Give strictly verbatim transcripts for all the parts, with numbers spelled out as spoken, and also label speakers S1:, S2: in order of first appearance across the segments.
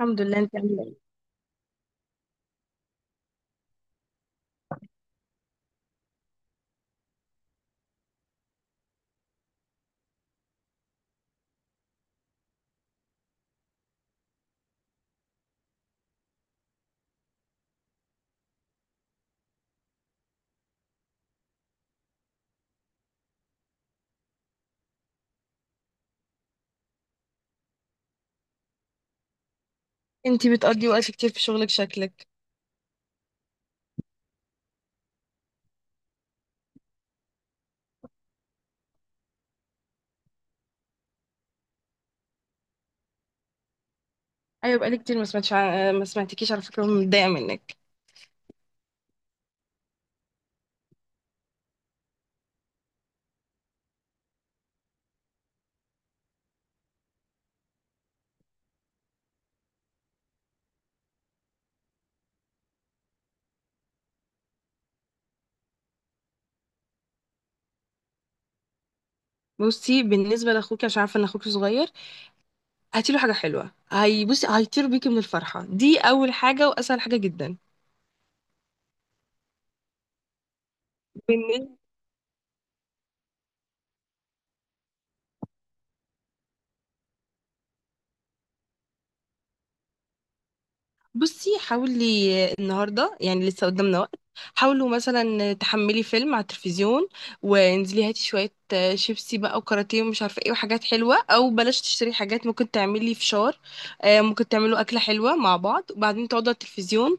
S1: الحمد لله، انت عامله ايه؟ انت بتقضي وقت كتير في شغلك شكلك. ايوه، بقالي كتير ما سمعتش عن... ما سمعتكيش على فكره، ومتضايقه منك. بصي، بالنسبه لاخوك، عشان عارفه ان اخوك صغير، هاتي له حاجه حلوه، هي بصي هيطير بيكي من الفرحه دي. اول حاجه واسهل حاجه جدا. بصي، حاولي النهارده يعني لسه قدامنا وقت. حاولوا مثلا تحملي فيلم على التلفزيون، وانزلي هاتي شويه شيبسي بقى، وكاراتيه ومش عارفه ايه، وحاجات حلوه. او بلاش تشتري حاجات، ممكن تعملي فشار. آه، ممكن تعملوا اكله حلوه مع بعض، وبعدين تقعدوا على التلفزيون.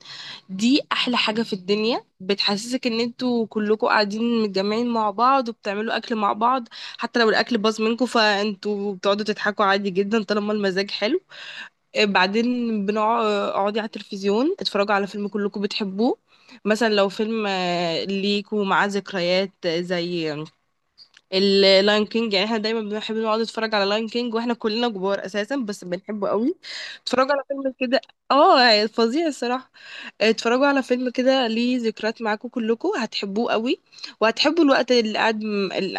S1: دي احلى حاجه في الدنيا، بتحسسك ان انتوا كلكوا قاعدين متجمعين مع بعض وبتعملوا اكل مع بعض. حتى لو الاكل باظ منكم، فانتوا بتقعدوا تضحكوا عادي جدا طالما المزاج حلو. بعدين بنقعد، اقعدي على التلفزيون، اتفرجوا على فيلم كلكم بتحبوه. مثلا لو فيلم آه، ليكوا معاه ذكريات، آه، زي اللاين كينج، يعني احنا دايما بنحب نقعد نتفرج على لاين كينج، واحنا كلنا كبار اساسا، بس بنحبه قوي. اتفرجوا على فيلم كده. اه، يعني فظيع الصراحه. آه، اتفرجوا على فيلم كده ليه ذكريات معاكم، كلكم هتحبوه قوي. وهتحبوا الوقت اللي قاعد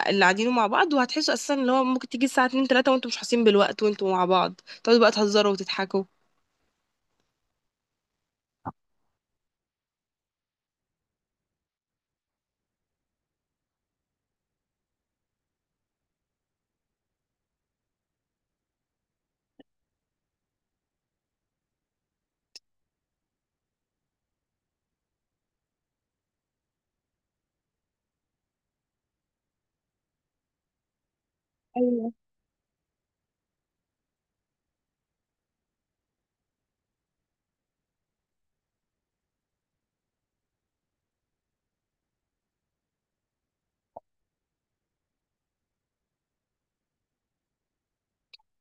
S1: اللي قاعدينه مع بعض، وهتحسوا اساسا ان هو ممكن تيجي الساعه اتنين تلاتة وانتم مش حاسين بالوقت، وانتم مع بعض تقعدوا بقى تهزروا وتضحكوا.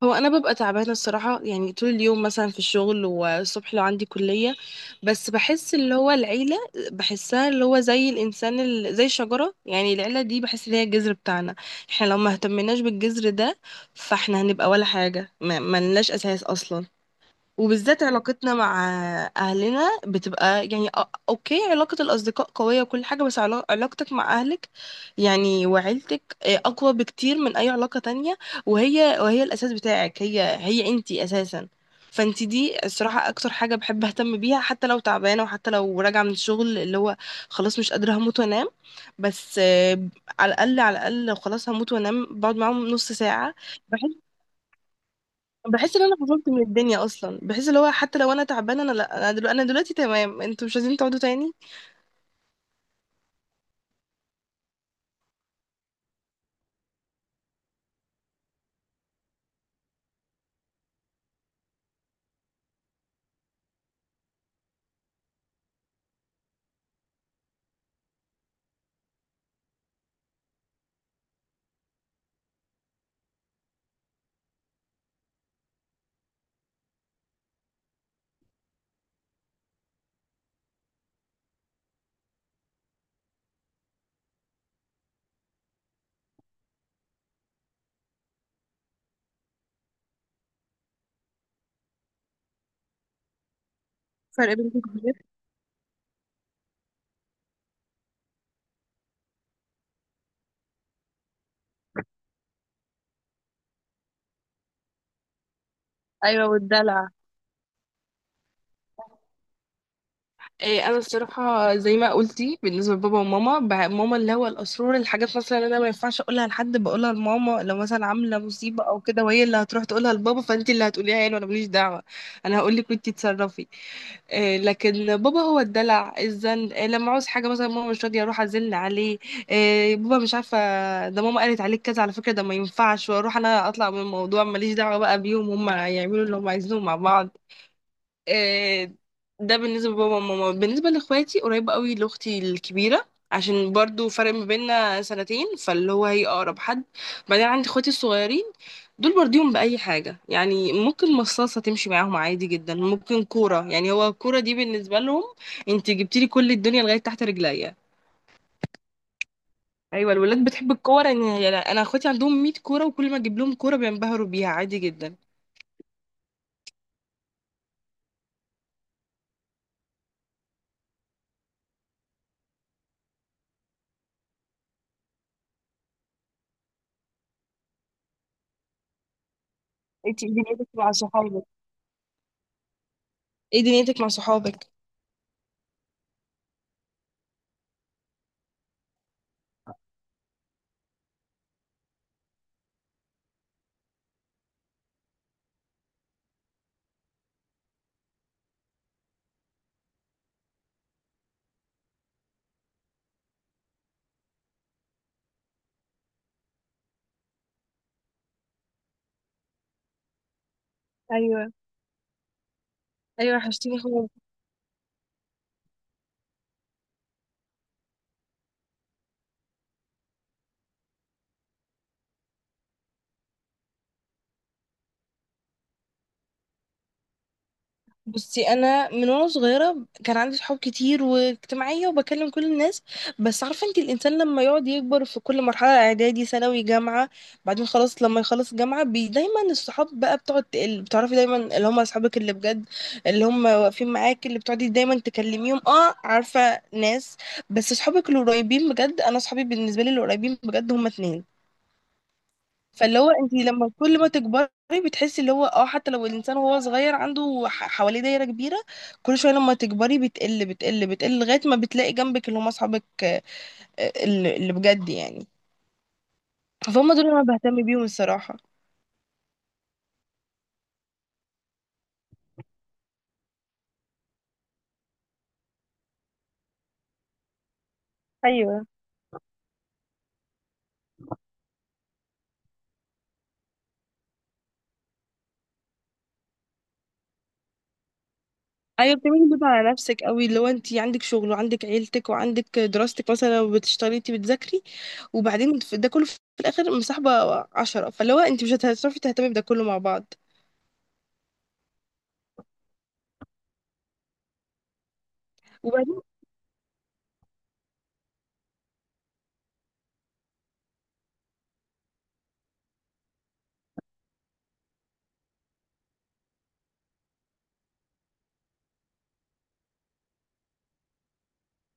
S1: هو انا ببقى تعبانه الصراحه، يعني طول اليوم مثلا في الشغل، والصبح لو عندي كليه. بس بحس اللي هو العيله، بحسها اللي هو زي الانسان ال... زي الشجره، يعني العيله دي بحس ان هي الجذر بتاعنا. احنا لو ما اهتمناش بالجذر ده، فاحنا هنبقى ولا حاجه، ما ما لناش اساس اصلا. وبالذات علاقتنا مع اهلنا بتبقى يعني أ- اوكي، علاقة الاصدقاء قوية وكل حاجة، بس علا- علاقتك مع اهلك يعني وعيلتك، آه، اقوى بكتير من اي علاقة تانية. وهي وهي الاساس بتاعك، هي هي انتي اساسا. فانتي دي الصراحة اكتر حاجة بحب اهتم بيها، حتى لو تعبانة، وحتى لو راجعة من الشغل اللي هو خلاص مش قادرة، هموت وانام. بس، آه، على الاقل، على الاقل لو خلاص هموت وانام، بقعد معاهم نص ساعة. بحس بحس ان انا فصلت من الدنيا اصلا، بحس اللي هو حتى لو انا تعبانه، انا لا انا دلوقتي, أنا دلوقتي تمام، انتوا مش عايزين تقعدوا تاني؟ فرق بينكم كبير؟ ايوه، والدلع. إيه، انا الصراحه زي ما قلتي بالنسبه لبابا وماما، بع- ماما اللي هو الاسرار، الحاجات مثلا اللي انا ما ينفعش اقولها لحد بقولها لماما، لو مثلا عامله مصيبه او كده، وهي اللي هتروح تقولها لبابا. فانت اللي هتقوليها يعني، وانا ماليش دعوه. انا هقول لك وانت تصرفي. آه، لكن بابا هو الدلع، الزن، آه، لما عاوز حاجه مثلا ماما مش راضيه، اروح ازن عليه. آه، بابا مش عارفه، ده ماما قالت عليك كذا على فكره، ده ما ينفعش. واروح انا اطلع من الموضوع، ماليش دعوه بقى بيهم، هم يعملوا اللي هم عايزينه مع بعض. آه، ده بالنسبة لبابا وماما. بالنسبة لإخواتي قريبة قوي لأختي الكبيرة، عشان برضو فرق ما بيننا سنتين، فاللي هو هي أقرب حد. بعدين عندي إخواتي الصغيرين، دول برضيهم بأي حاجة، يعني ممكن مصاصة تمشي معاهم عادي جدا، ممكن كورة. يعني هو الكورة دي بالنسبة لهم، انت جبتيلي كل الدنيا لغاية تحت رجليا. أيوة، الولاد بتحب الكورة. يعني أنا إخواتي عندهم مية كورة، وكل ما أجيب لهم كورة بينبهروا بيها عادي جدا. انت ايه دنيتك مع صحابك؟ ايه دنيتك مع صحابك؟ ايوه. ايوه، وحشتيني. بصي، انا من وانا صغيره كان عندي صحاب كتير، واجتماعيه، وبكلم كل الناس. بس عارفه انت، الانسان لما يقعد يكبر في كل مرحله، اعدادي، ثانوي، جامعه، بعدين خلاص لما يخلص جامعه، بي دايما الصحاب بقى بتقعد تقل، بتعرفي دايما اللي هم اصحابك اللي بجد، اللي هم واقفين معاك، اللي بتقعدي دايما تكلميهم. اه، عارفه ناس. بس صحابك القريبين بجد، انا صحابي بالنسبه لي القريبين بجد هم اتنين. فاللي هو انت لما كل ما تكبري، بتحسي اللي هو اه، حتى لو الانسان وهو صغير عنده ح- حواليه دايره كبيره، كل شويه لما تكبري بتقل بتقل بتقل لغايه ما بتلاقي جنبك اللي هم اصحابك، آه، اللي اللي بجد يعني. فهم دول اللي انا بهتم بيهم الصراحه. ايوه. ايوه، بتعملي بيض على نفسك قوي، اللي هو انت عندك شغل، وعندك عيلتك، وعندك دراستك، مثلا لو بتشتغلي انت بتذاكري، وبعدين في- ده كله في الاخر مصاحبه، عشرة، فاللي هو انت مش هتعرفي تهتمي بده كله مع بعض.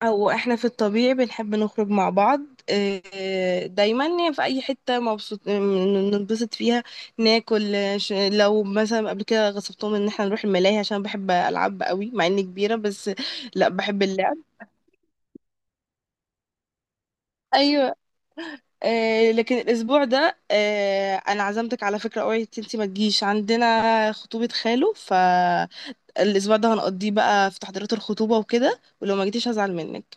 S1: او احنا في الطبيعي بنحب نخرج مع بعض، آه، دايما يعني في اي حته مبسوط ن- ننبسط فيها، ناكل. آه، ش- لو مثلا قبل كده غصبتهم ان احنا نروح الملاهي، عشان بحب العب قوي مع اني كبيره، بس لا، بحب اللعب. ايوه. آه، لكن الاسبوع ده آه، انا عزمتك على فكره، اوعي انتي ما تجيش، عندنا خطوبه خاله. فالاسبوع ده هنقضيه بقى في تحضيرات الخطوبه وكده، ولو ما جيتيش هزعل منك.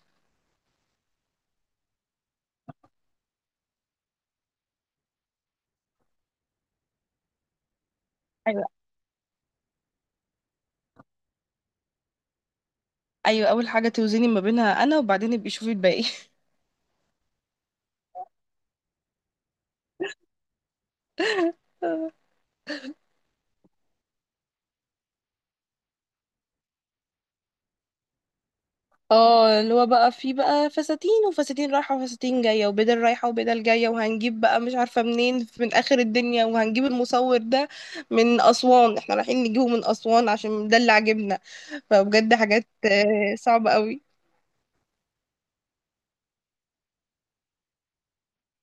S1: ايوه. ايوه، اول حاجه توزني ما بينها انا، وبعدين ابقي شوفي الباقي. اه، اللي هو بقى في بقى فساتين، وفساتين رايحة وفساتين جاية، وبدل رايحة وبدل جاية، وهنجيب بقى مش عارفة منين، من آخر الدنيا. وهنجيب المصور ده من أسوان، احنا رايحين نجيبه من أسوان عشان ده اللي عاجبنا. فبجد حاجات آه، صعبة قوي.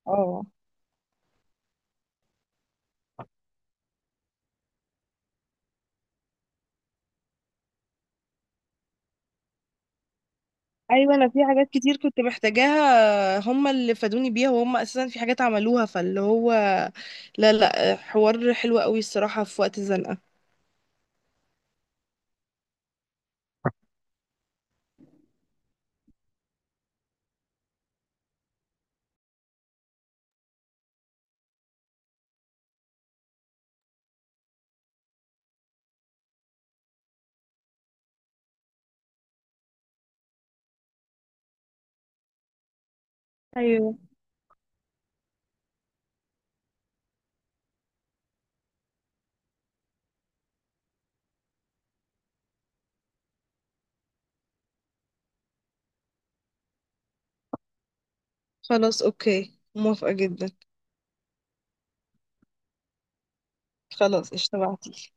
S1: اه. ايوه، انا في حاجات كتير كنت محتاجاها هم اللي فادوني بيها، وهم اساسا في حاجات عملوها، فاللي هو لا، لا، حوار حلو قوي الصراحة في وقت الزنقة. ايوه. خلاص، اوكي، موافقة جدا. خلاص، اشتبعتي.